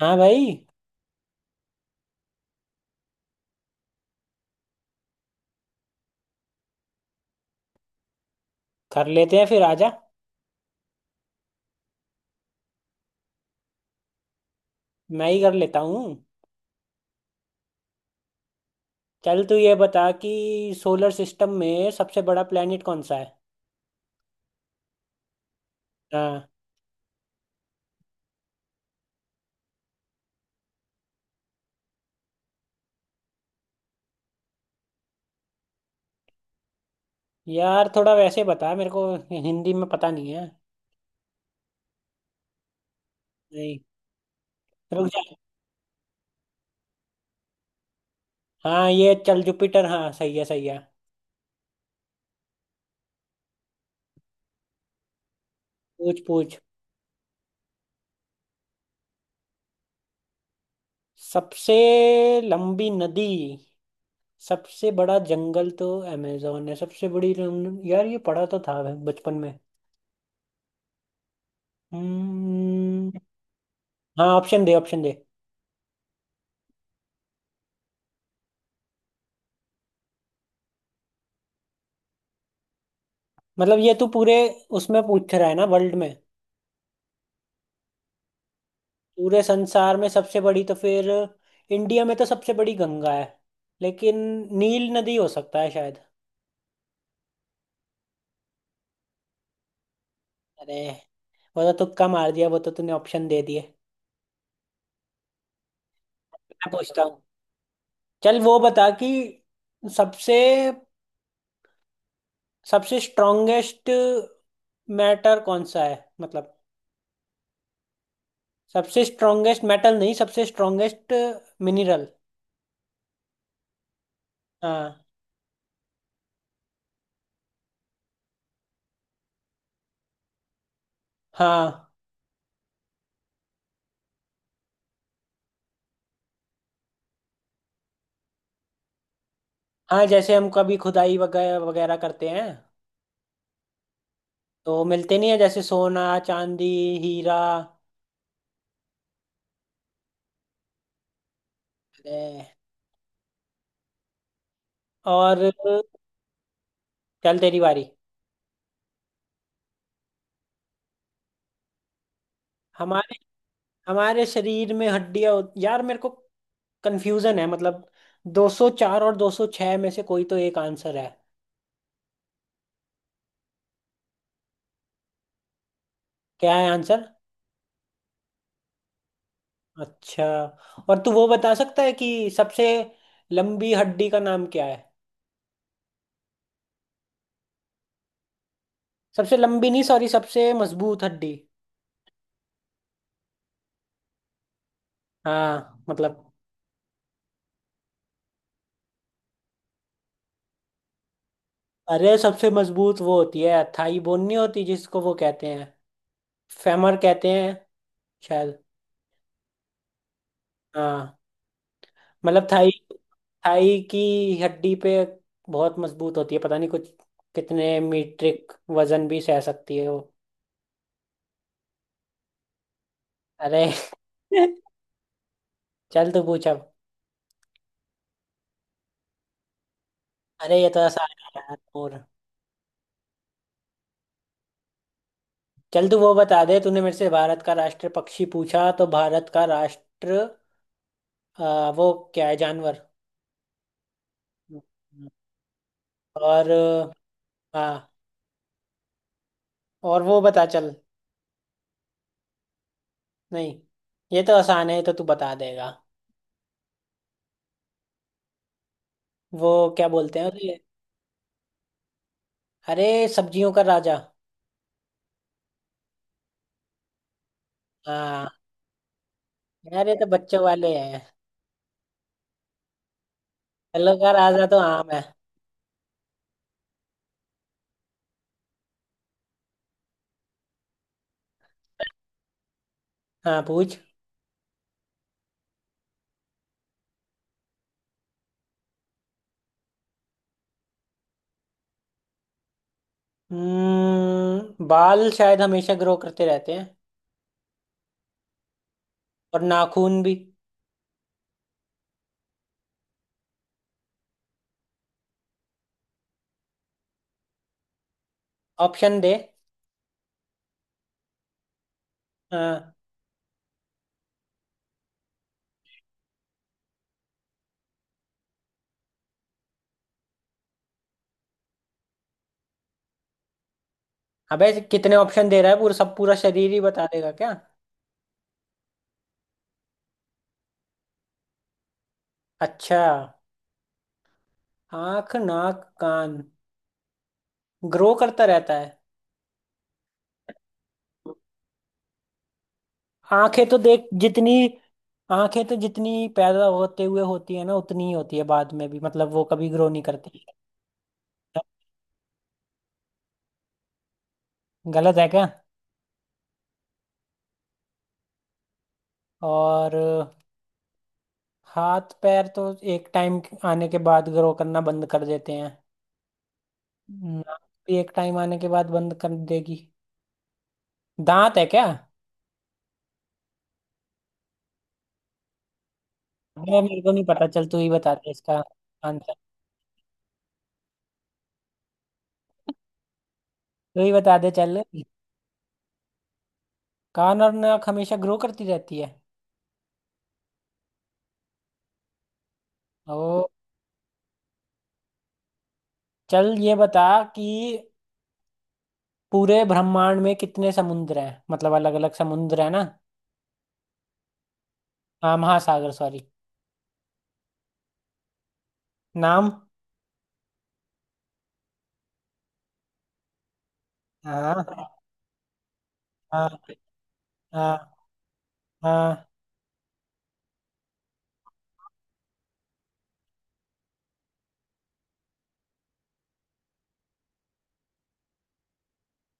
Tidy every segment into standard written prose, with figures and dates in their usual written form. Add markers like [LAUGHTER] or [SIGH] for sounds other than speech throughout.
हाँ भाई। कर लेते हैं, फिर आजा। मैं ही कर लेता हूँ। चल, तू ये बता कि सोलर सिस्टम में सबसे बड़ा प्लेनेट कौन सा है? हाँ, यार थोड़ा वैसे बता मेरे को, हिंदी में पता नहीं है। नहीं, रुक जा। हाँ, ये चल जुपिटर। हाँ सही है, सही है। पूछ पूछ। सबसे लंबी नदी। सबसे बड़ा जंगल तो अमेजोन है। सबसे बड़ी रम- यार ये पढ़ा तो था मैं बचपन में। हम्म। हाँ, ऑप्शन दे, ऑप्शन दे। मतलब ये तू पूरे उसमें पूछ रहा है ना, वर्ल्ड में? पूरे संसार में सबसे बड़ी तो फिर, इंडिया में तो सबसे बड़ी गंगा है, लेकिन नील नदी हो सकता है शायद। अरे, वो तो तुक्का मार दिया, वो तो तूने ऑप्शन दे दिए। मैं पूछता हूँ। चल, वो बता कि सबसे सबसे स्ट्रॉन्गेस्ट मैटर कौन सा है, मतलब? सबसे स्ट्रॉन्गेस्ट मेटल नहीं, सबसे स्ट्रॉन्गेस्ट मिनरल। हाँ। हाँ हाँ, जैसे हम कभी खुदाई वगैरह वगैरह करते हैं, तो मिलते नहीं है जैसे सोना चांदी, हीरा। अरे, और चल तेरी बारी। हमारे हमारे शरीर में हड्डियां होत- यार मेरे को कंफ्यूजन है मतलब, 204 और 206 में से कोई तो एक आंसर है। क्या है आंसर? अच्छा। और तू वो बता सकता है कि सबसे लंबी हड्डी का नाम क्या है? सबसे लंबी नहीं, सॉरी, सबसे मजबूत हड्डी। हाँ, मतलब। अरे, सबसे मजबूत वो होती है थाई बोन, नहीं होती जिसको वो कहते हैं, फेमर कहते हैं शायद। हाँ, मतलब थाई। थाई की हड्डी पे, बहुत मजबूत होती है, पता नहीं कुछ कितने मीट्रिक वजन भी सह सकती है वो। अरे। [LAUGHS] चल तू पूछ अब। अरे ये तो आसान है यार, और चल तू वो बता दे, तूने मेरे से भारत का राष्ट्र पक्षी पूछा, तो भारत का राष्ट्र वो क्या है, जानवर? और हाँ। और वो बता चल, नहीं ये तो आसान है, ये तो तू बता देगा। वो क्या बोलते हैं उसे? अरे, सब्जियों का राजा। हाँ। यार ये तो बच्चों वाले हैं। घायल राजा तो आम है। हाँ पूछ। हम्म, बाल शायद हमेशा ग्रो करते रहते हैं, और नाखून भी। ऑप्शन दे। हाँ। अबे कितने ऑप्शन दे रहा है? पूरा सब, पूरा शरीर ही बता देगा क्या? अच्छा। आंख नाक कान ग्रो करता रहता है? आंखें तो देख जितनी, आंखें तो जितनी पैदा होते हुए होती है ना, उतनी ही होती है बाद में भी, मतलब वो कभी ग्रो नहीं करती। गलत है क्या? और हाथ पैर तो एक टाइम आने के बाद ग्रो करना बंद कर देते हैं। नाक भी एक टाइम आने के बाद बंद कर देगी। दांत है क्या? मैं, मेरे को नहीं पता, चल तू ही बता दे इसका आंसर। तू ही बता दे चल। कान और नाक हमेशा ग्रो करती रहती है। ओ। चल ये बता कि पूरे ब्रह्मांड में कितने समुद्र हैं, मतलब अलग अलग समुद्र है ना। हाँ महासागर, सॉरी। नाम। हाँ हाँ हाँ हाँ।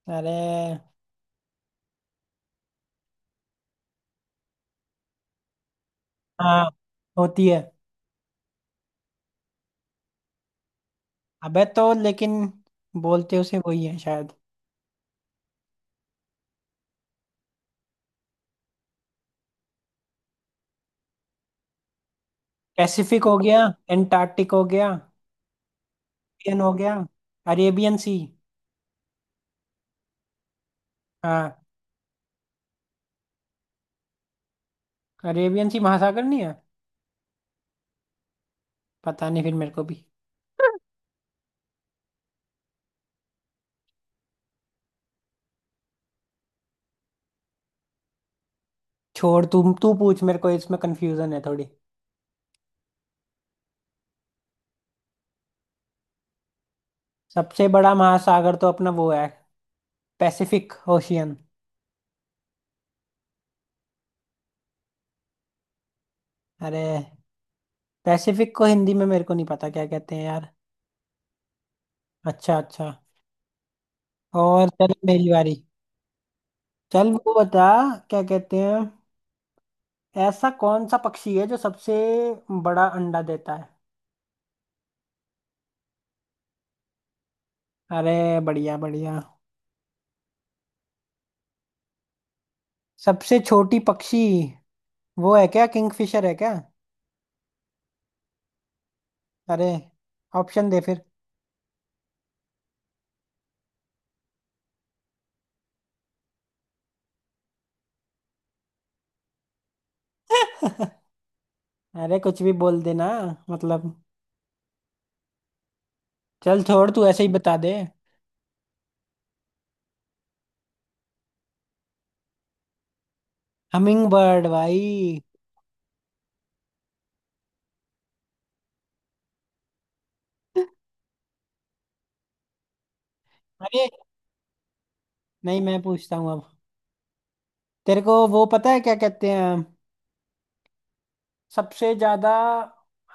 अरे। हाँ होती है। अबे तो लेकिन बोलते उसे वही है शायद। पैसिफिक हो गया, एंटार्कटिक हो गया, इंडियन हो गया, अरेबियन सी। हाँ, अरेबियन सी महासागर नहीं है। पता नहीं फिर मेरे को भी। छोड़, तुम तू पूछ, मेरे को इसमें कंफ्यूजन है थोड़ी। सबसे बड़ा महासागर तो अपना वो है, पैसिफिक ओशियन। अरे, पैसिफिक को हिंदी में मेरे को नहीं पता क्या कहते हैं यार। अच्छा अच्छा। और चल मेरी बारी। चल वो बता, क्या कहते हैं, ऐसा कौन सा पक्षी है जो सबसे बड़ा अंडा देता है? अरे बढ़िया बढ़िया। सबसे छोटी पक्षी, वो है क्या, किंगफिशर है क्या? अरे, ऑप्शन दे फिर। [LAUGHS] अरे कुछ भी बोल देना मतलब, चल छोड़ तू ऐसे ही बता दे। हमिंग बर्ड भाई। अरे, नहीं मैं पूछता हूँ अब। तेरे को वो पता है क्या कहते हैं, सबसे ज्यादा,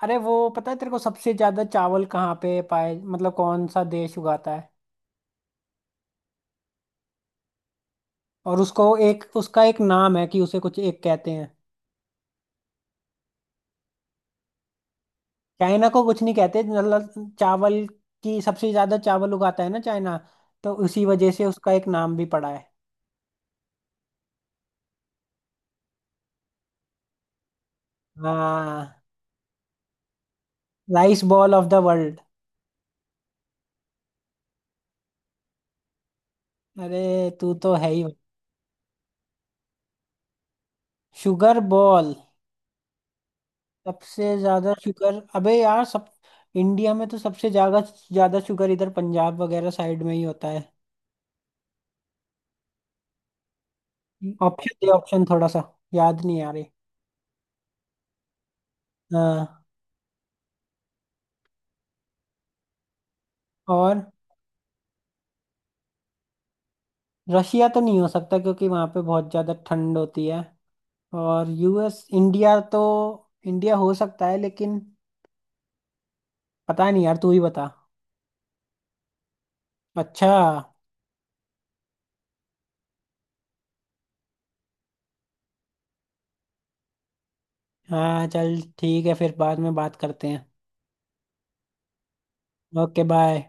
अरे वो पता है तेरे को, सबसे ज्यादा चावल कहाँ पे पाए, मतलब कौन सा देश उगाता है? और उसको एक, उसका एक नाम है कि उसे कुछ एक कहते हैं। चाइना को कुछ नहीं कहते, मतलब चावल की, सबसे ज्यादा चावल उगाता है ना चाइना, तो उसी वजह से उसका एक नाम भी पड़ा है। हाँ, rice ball of the world. अरे तू तो है ही। शुगर बॉल, सबसे ज्यादा शुगर, अबे यार सब, इंडिया में तो सबसे ज्यादा ज्यादा शुगर इधर पंजाब वगैरह साइड में ही होता है। ऑप्शन दे, ऑप्शन, थोड़ा सा याद नहीं आ रही। हाँ, और रशिया तो नहीं हो सकता क्योंकि वहाँ पे बहुत ज़्यादा ठंड होती है। और यूएस इंडिया तो, इंडिया हो सकता है लेकिन, पता नहीं यार तू ही बता। अच्छा। हाँ चल ठीक है, फिर बाद में बात करते हैं। Okay bye.